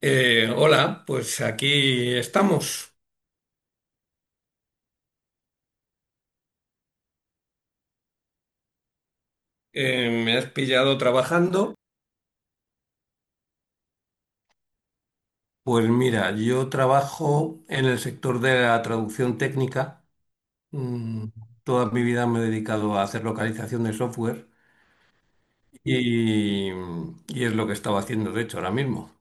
Hola, pues aquí estamos. Me has pillado trabajando. Pues mira, yo trabajo en el sector de la traducción técnica. Mm, Toda mi vida me he dedicado a hacer localización de software y, y es lo que estaba haciendo, de hecho, ahora mismo.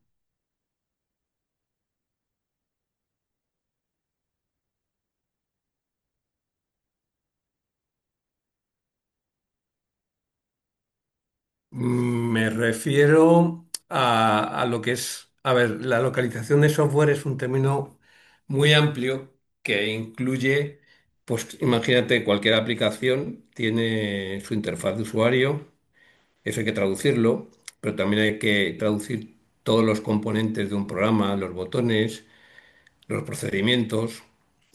Me refiero a lo que es, a ver, la localización de software es un término muy amplio que incluye, pues imagínate, cualquier aplicación tiene su interfaz de usuario, eso hay que traducirlo, pero también hay que traducir todos los componentes de un programa, los botones, los procedimientos.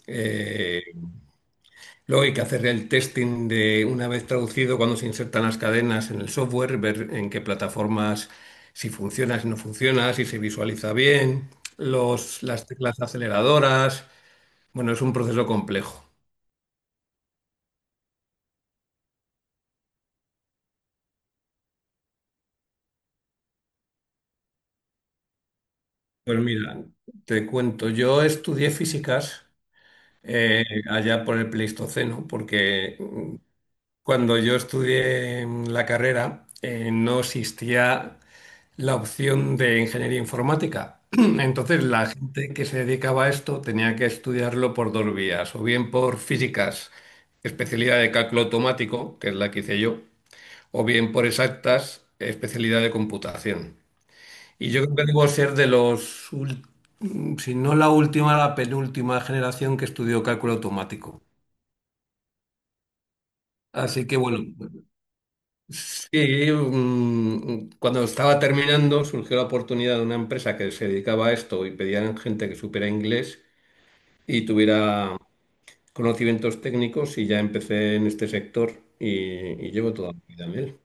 eh, Luego hay que hacer el testing de una vez traducido, cuando se insertan las cadenas en el software, ver en qué plataformas, si funciona, si no funciona, si se visualiza bien, las teclas aceleradoras. Bueno, es un proceso complejo. Pues mira, te cuento, yo estudié físicas eh, allá por el Pleistoceno, porque cuando yo estudié la carrera, no existía la opción de ingeniería informática. Entonces, la gente que se dedicaba a esto tenía que estudiarlo por dos vías, o bien por físicas, especialidad de cálculo automático, que es la que hice yo, o bien por exactas, especialidad de computación. Y yo creo que debo ser de si no la última, la penúltima generación que estudió cálculo automático. Así que bueno, sí, cuando estaba terminando surgió la oportunidad de una empresa que se dedicaba a esto y pedían gente que supiera inglés y tuviera conocimientos técnicos y ya empecé en este sector y, y llevo toda mi vida en él.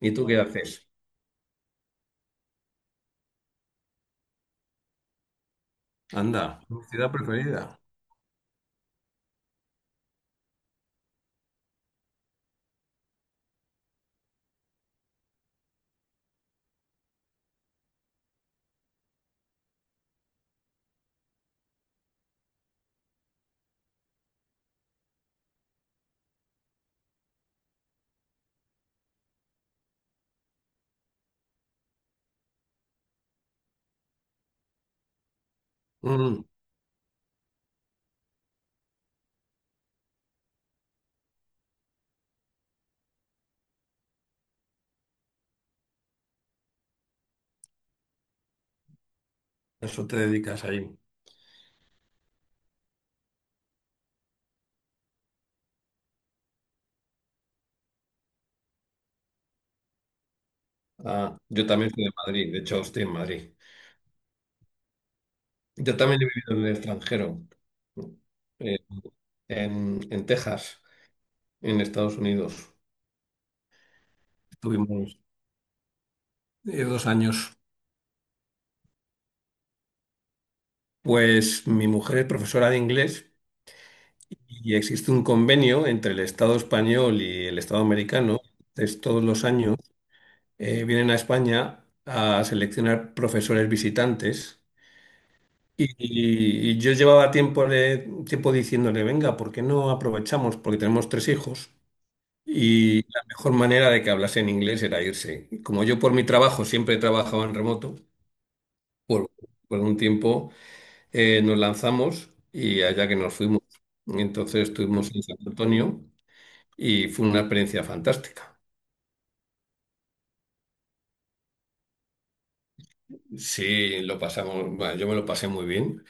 ¿Y tú qué haces? Anda, tu ciudad preferida. Mm, Eso te dedicas ahí. Ah, yo también soy de Madrid, de hecho estoy en Madrid. Yo también he vivido en el extranjero, eh, en Texas, en Estados Unidos. Estuvimos 2 años. Pues mi mujer es profesora de inglés y existe un convenio entre el Estado español y el Estado americano. Entonces, todos los años vienen a España a seleccionar profesores visitantes. Y yo llevaba tiempo diciéndole, venga, ¿por qué no aprovechamos? Porque tenemos 3 hijos y la mejor manera de que hablasen inglés era irse. Como yo por mi trabajo siempre he trabajado en remoto, por, por un tiempo. Nos lanzamos y allá que nos fuimos. Entonces estuvimos en San Antonio y fue una experiencia fantástica. Sí, lo pasamos, bueno, yo me lo pasé muy bien.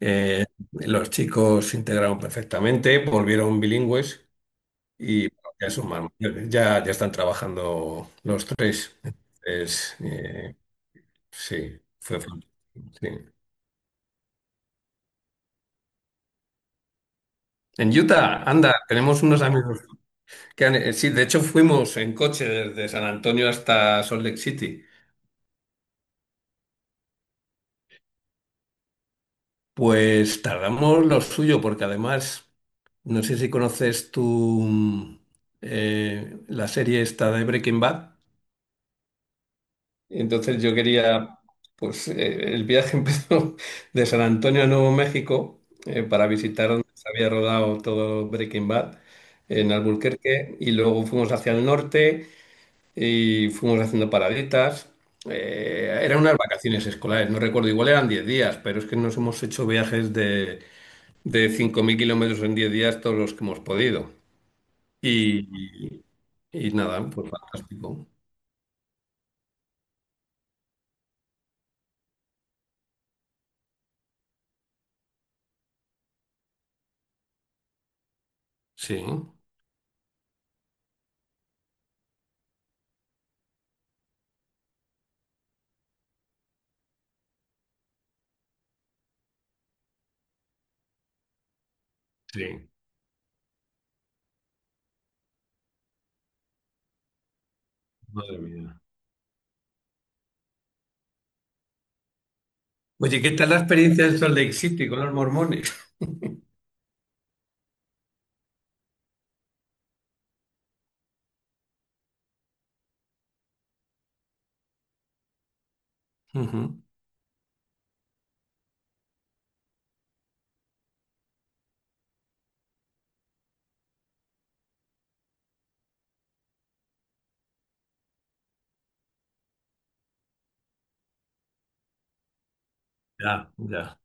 Eh, los chicos se integraron perfectamente, volvieron bilingües y bueno, ya son más mayores, ya están trabajando los tres. Entonces, sí, fue fantástico. Sí. En Utah, anda, tenemos unos amigos sí, de hecho fuimos en coche desde San Antonio hasta Salt Lake City. Pues tardamos lo suyo, porque además, no sé si conoces tú, mm, la serie esta de Breaking Bad. Entonces yo quería, el viaje empezó de San Antonio a Nuevo México, para visitar donde se había rodado todo Breaking Bad en Albuquerque y luego fuimos hacia el norte y fuimos haciendo paraditas. Eran unas vacaciones escolares, no recuerdo, igual eran 10 días, pero es que nos hemos hecho viajes de 5000 kilómetros en 10 días, todos los que hemos podido. Y, y nada, pues fantástico. Sí, sí. Madre mía. Oye, ¿qué tal la experiencia de Salt Lake City con los mormones? Ujú. Ya, ya,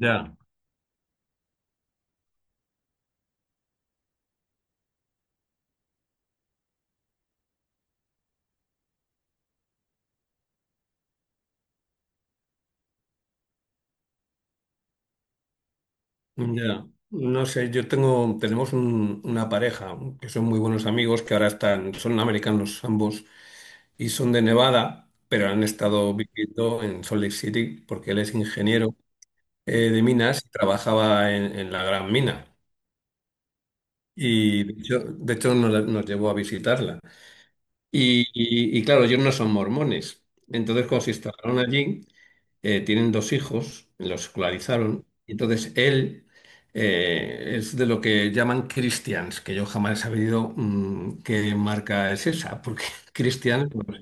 ya. Ya, no sé, tenemos una pareja que son muy buenos amigos, que ahora están, son americanos ambos y son de Nevada, pero han estado viviendo en Salt Lake City porque él es ingeniero, de minas y trabajaba en la gran mina. Y de hecho, nos llevó a visitarla. Y claro, ellos no son mormones. Entonces, cuando se instalaron allí, tienen 2 hijos, los escolarizaron. Y entonces él, es de lo que llaman Christians, que yo jamás he sabido qué marca es esa, porque Christians, pues,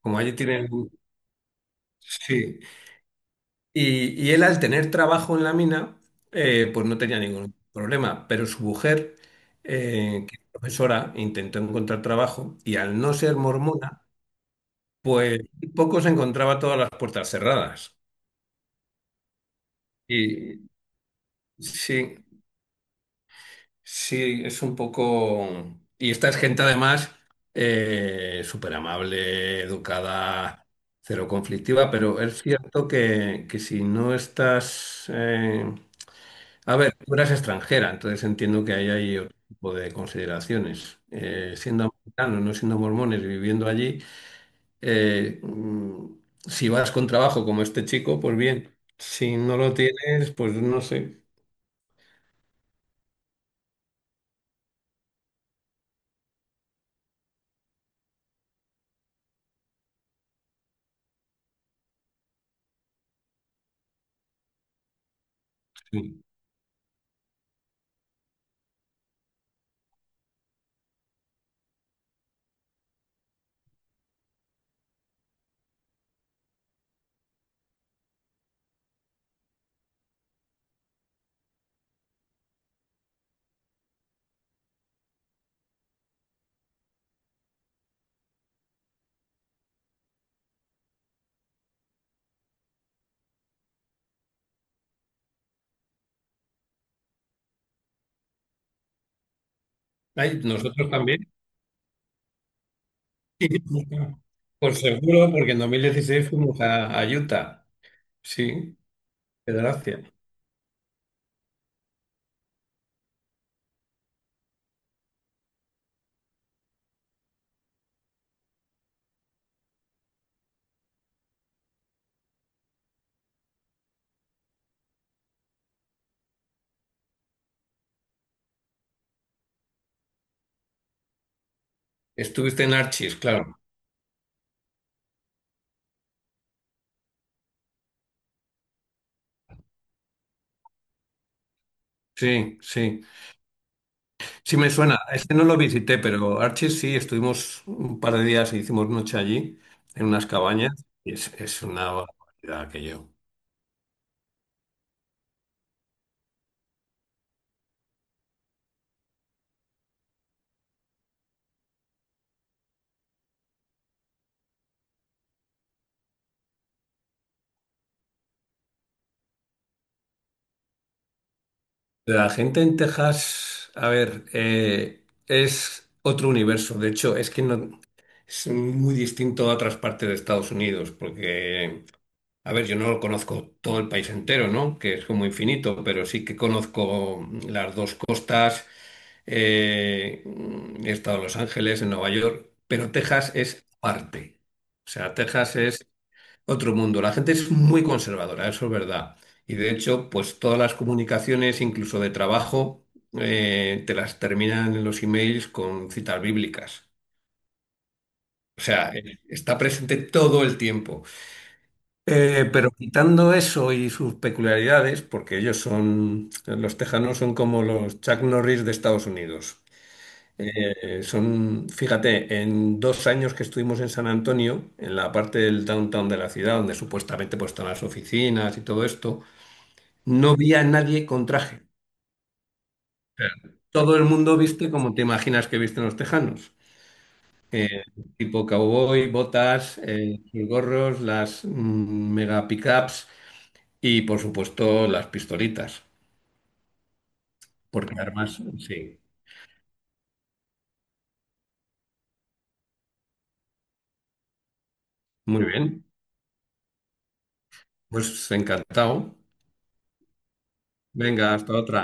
como allí tienen, sí, y él al tener trabajo en la mina, pues no tenía ningún problema, pero su mujer, que es profesora, intentó encontrar trabajo y al no ser mormona, pues poco se encontraba todas las puertas cerradas. Y sí, sí, es un poco... Y esta es gente además, súper amable, educada, cero conflictiva, pero es cierto que si no estás... A ver, tú eras extranjera, entonces entiendo que ahí hay otro tipo de consideraciones. Siendo americanos, no siendo mormones, viviendo allí, eh, mm, si vas con trabajo como este chico, pues bien. Si no lo tienes, pues no sé. Sí. Ay, nosotros también. Pues seguro, porque en 2016 fuimos a Utah. Sí, qué gracia. Estuviste en Archie's, claro. Sí, sí. Sí me suena, este no lo visité, pero Archie sí, estuvimos un par de días y hicimos noche allí, en unas cabañas, es una barbaridad aquello. La gente en Texas, a ver, es otro universo, de hecho, es que no, es muy distinto a otras partes de Estados Unidos, porque a ver, yo no conozco todo el país entero, ¿no? Que es como infinito, pero sí que conozco las dos costas. eh, He estado en Los Ángeles, en Nueva York, pero Texas es parte. O sea, Texas es otro mundo. La gente es muy conservadora, eso es verdad. Y de hecho, pues todas las comunicaciones, incluso de trabajo, te las terminan en los emails con citas bíblicas. O sea, está presente todo el tiempo. Pero quitando eso y sus peculiaridades, porque ellos son, los tejanos son como los Chuck Norris de Estados Unidos. Son, fíjate, en 2 años que estuvimos en San Antonio, en la parte del downtown de la ciudad, donde supuestamente pues, están las oficinas y todo esto, no vi a nadie con traje. O todo el mundo viste como te imaginas que visten los tejanos. Eh, Tipo cowboy, botas, gorros, las mega pickups. Y por supuesto las pistolitas, porque armas, sí. Muy bien, pues encantado. Venga, hasta otra.